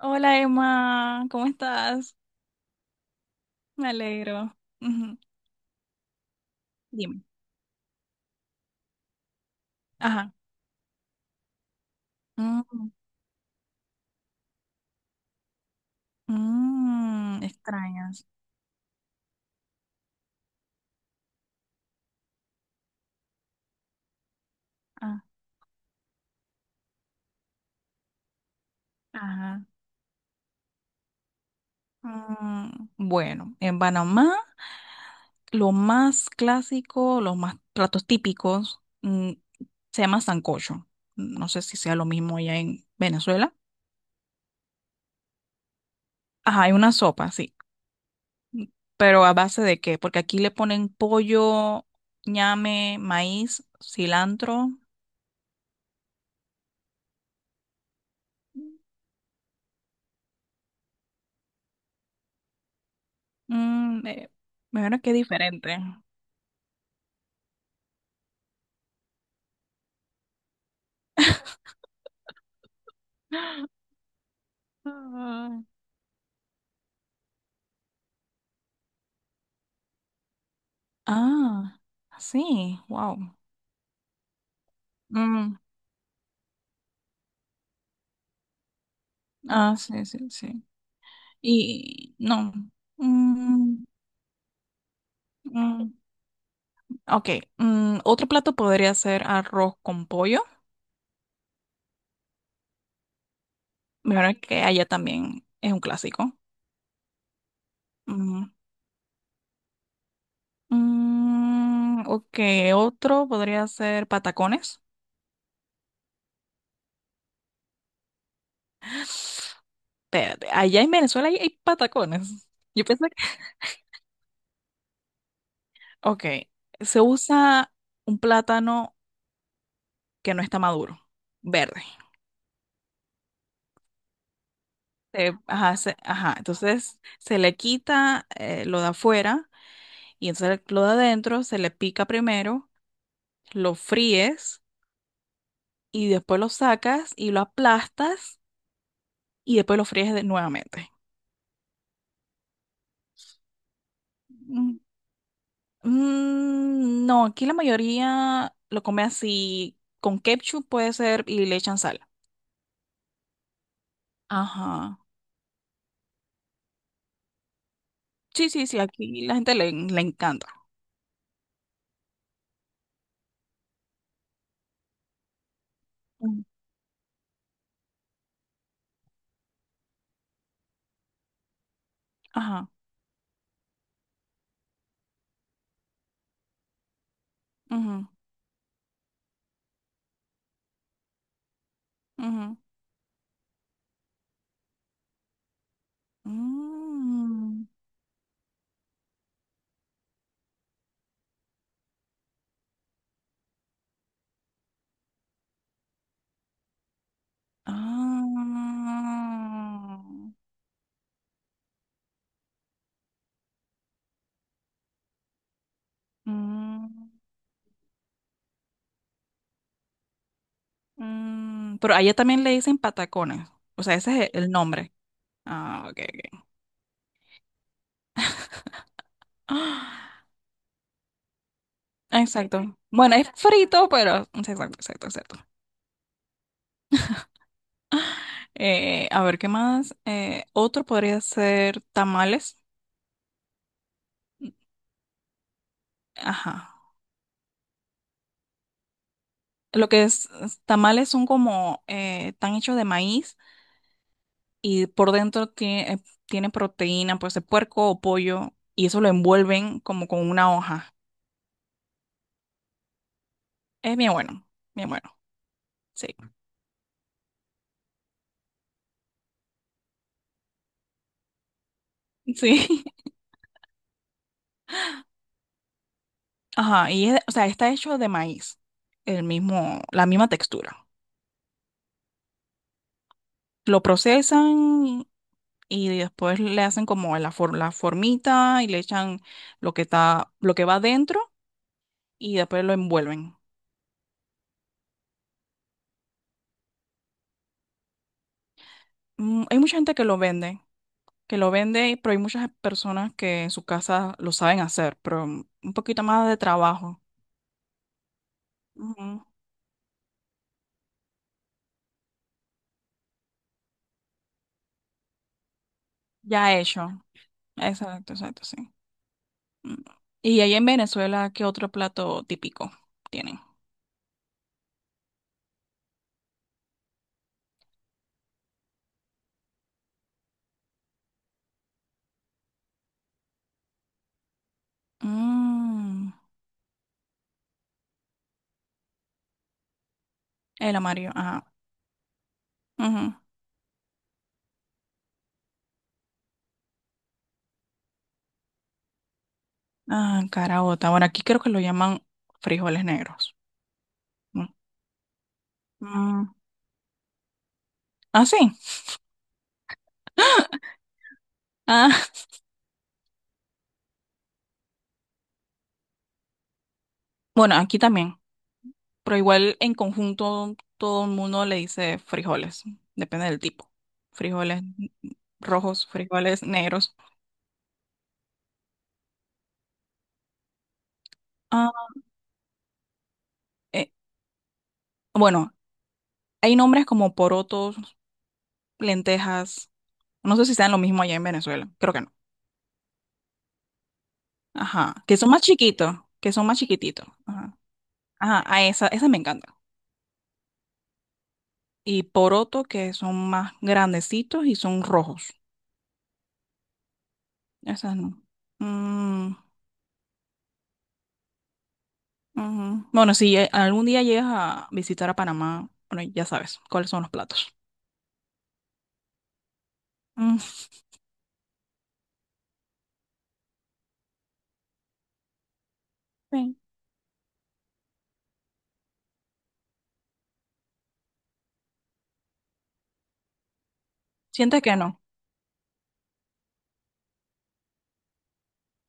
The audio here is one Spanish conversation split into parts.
Hola Emma, ¿cómo estás? Me alegro. Ujú, dime. Ajá. Mm, extrañas. Ah, ajá. Bueno, en Panamá, lo más clásico, los más platos típicos, se llama sancocho. No sé si sea lo mismo allá en Venezuela. Ajá, hay una sopa, sí. Pero ¿a base de qué? Porque aquí le ponen pollo, ñame, maíz, cilantro. Mm, eh, me imagino que es diferente. Ah, ah, sí, wow. Mm, sí, sí, sí. Y no. Mm, mm, ok, otro plato podría ser arroz con pollo. Me imagino que allá también es un clásico. Mm, ok, otro podría ser patacones. Espérate, allá en Venezuela hay patacones. Yo pensé que... Ok, se usa un plátano que no está maduro, verde. Ajá, entonces se le quita lo de afuera y entonces lo de adentro se le pica primero, lo fríes y después lo sacas y lo aplastas y después nuevamente. Mm, no, aquí la mayoría lo come así, con ketchup puede ser y le echan sal. Ajá. Sí, sí, sí, aquí la gente le encanta. Mm. Ajá. Ujú, ujú. Mm. Ah, mm, mm. Pero allá también le dicen patacones. O sea, ese es el nombre. Ah, ok, ok. Ah, exacto. Bueno, es frito, pero... mm, sí, exacto, exacto, exacto. A ver, ¿qué más? Otro podría ser tamales. Ajá. Lo que tamales son como... están hechos de maíz y por dentro tiene proteína, pues de puerco o pollo. Y eso lo envuelven como con una hoja. Es bien bueno, sí, sí. Ajá, o sea, está hecho de maíz, la misma textura. Lo procesan y después le hacen como la formita y le echan lo que va dentro y después lo envuelven. Mm, hay mucha gente que lo vende, pero hay muchas personas que en su casa lo saben hacer, pero un poquito más de trabajo. Ujú. Ya hecho. Exacto, exacto, sí. Mm. Y ahí en Venezuela, ¿qué otro plato típico tienen? Mm, el amarillo, ajá. Ujú. Ah, caraota. Bueno, aquí creo que lo llaman frijoles negros. Mm. Mm, ah, sí. Ah, bueno, aquí también. Pero igual en conjunto todo el mundo le dice frijoles. Depende del tipo. Frijoles rojos, frijoles negros. Ah, eh, bueno, hay nombres como porotos, lentejas. No sé si sean lo mismo allá en Venezuela. Creo que no. Ajá, que son más chiquitos, que son más chiquititos. Ajá, ajá, a esa, esa me encanta. Y poroto, que son más grandecitos y son rojos. Esas no. Mm, ujú. Bueno, si algún día llegas a visitar a Panamá, bueno, ya sabes cuáles son los platos. Mm, sí. Sientes que no.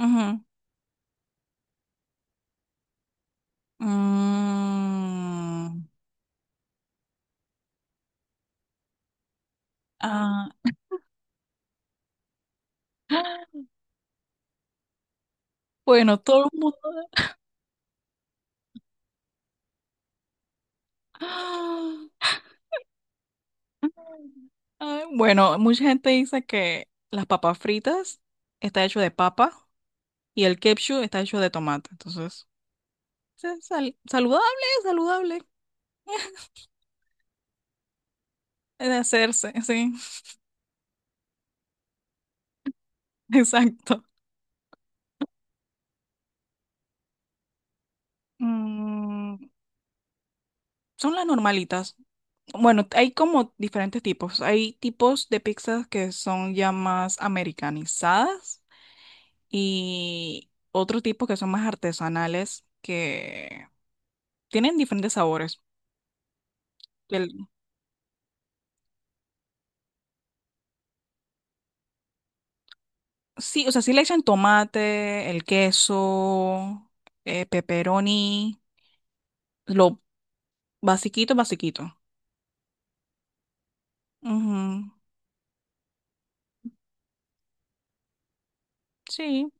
Ujú. Mm, ah, bueno, todo el mundo. Ay, bueno, mucha gente dice que las papas fritas está hecho de papa y el ketchup está hecho de tomate. Entonces, saludable, saludable de hacerse, sí, exacto. Mm, son las normalitas. Bueno, hay como diferentes tipos. Hay tipos de pizzas que son ya más americanizadas y otro tipo que son más artesanales que tienen diferentes sabores. Sí, o sea, sí le echan tomate, el queso, pepperoni, lo basiquito, basiquito. Ujú, sí,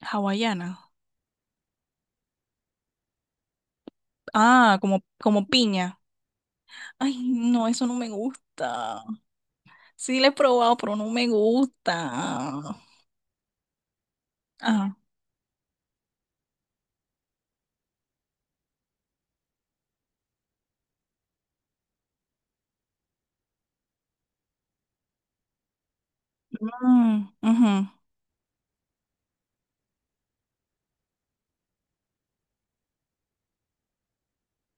hawaiana. Ah, como, como piña. Ay, no, eso no me gusta. Sí le he probado, pero no me gusta. Ah, mm, ujú,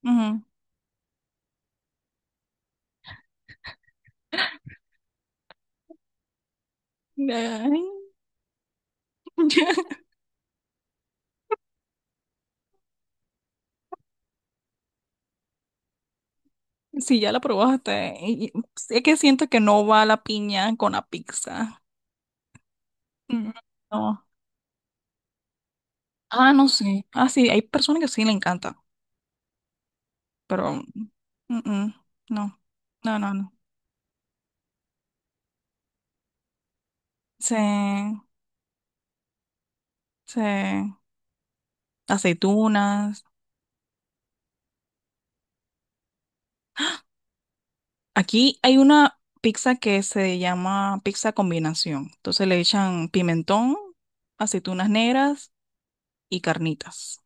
ujú. Ay. Sí, ya la probaste. Es que siento que no va la piña con la pizza. Mm, no. Ah, no sé. Ah, sí, hay personas que sí le encanta, pero mm, no, no, no, no. Se, se, aceitunas. Aquí hay una pizza que se llama pizza combinación. Entonces le echan pimentón, aceitunas negras y carnitas.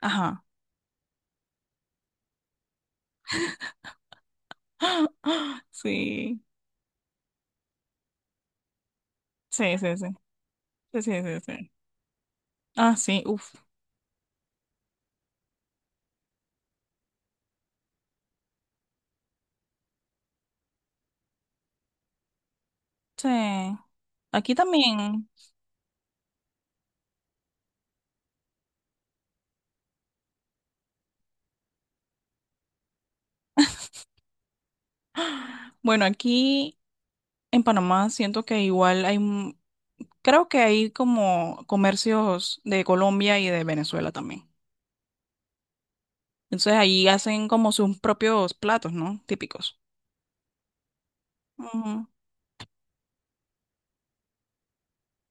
Ajá, sí, sí, sí, sí, sí, sí, sí, sí. Ah, sí, uff, sí. Aquí también. Bueno, aquí en Panamá siento que igual hay. Creo que hay como comercios de Colombia y de Venezuela también. Entonces ahí hacen como sus propios platos, ¿no? Típicos. Ujú,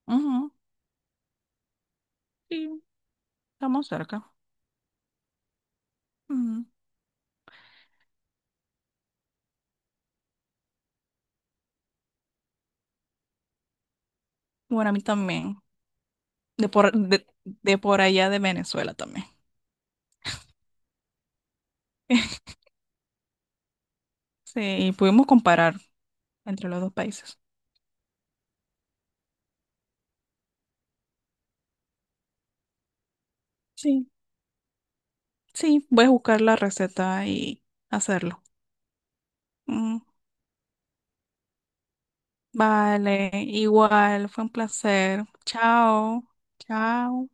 ujú, sí, estamos cerca. Ujú. Bueno, a mí también. De por allá de Venezuela también. Sí, y pudimos comparar entre los dos países. Sí, sí, voy a buscar la receta y hacerlo. Mm, vale, igual, fue un placer. Chao, chao.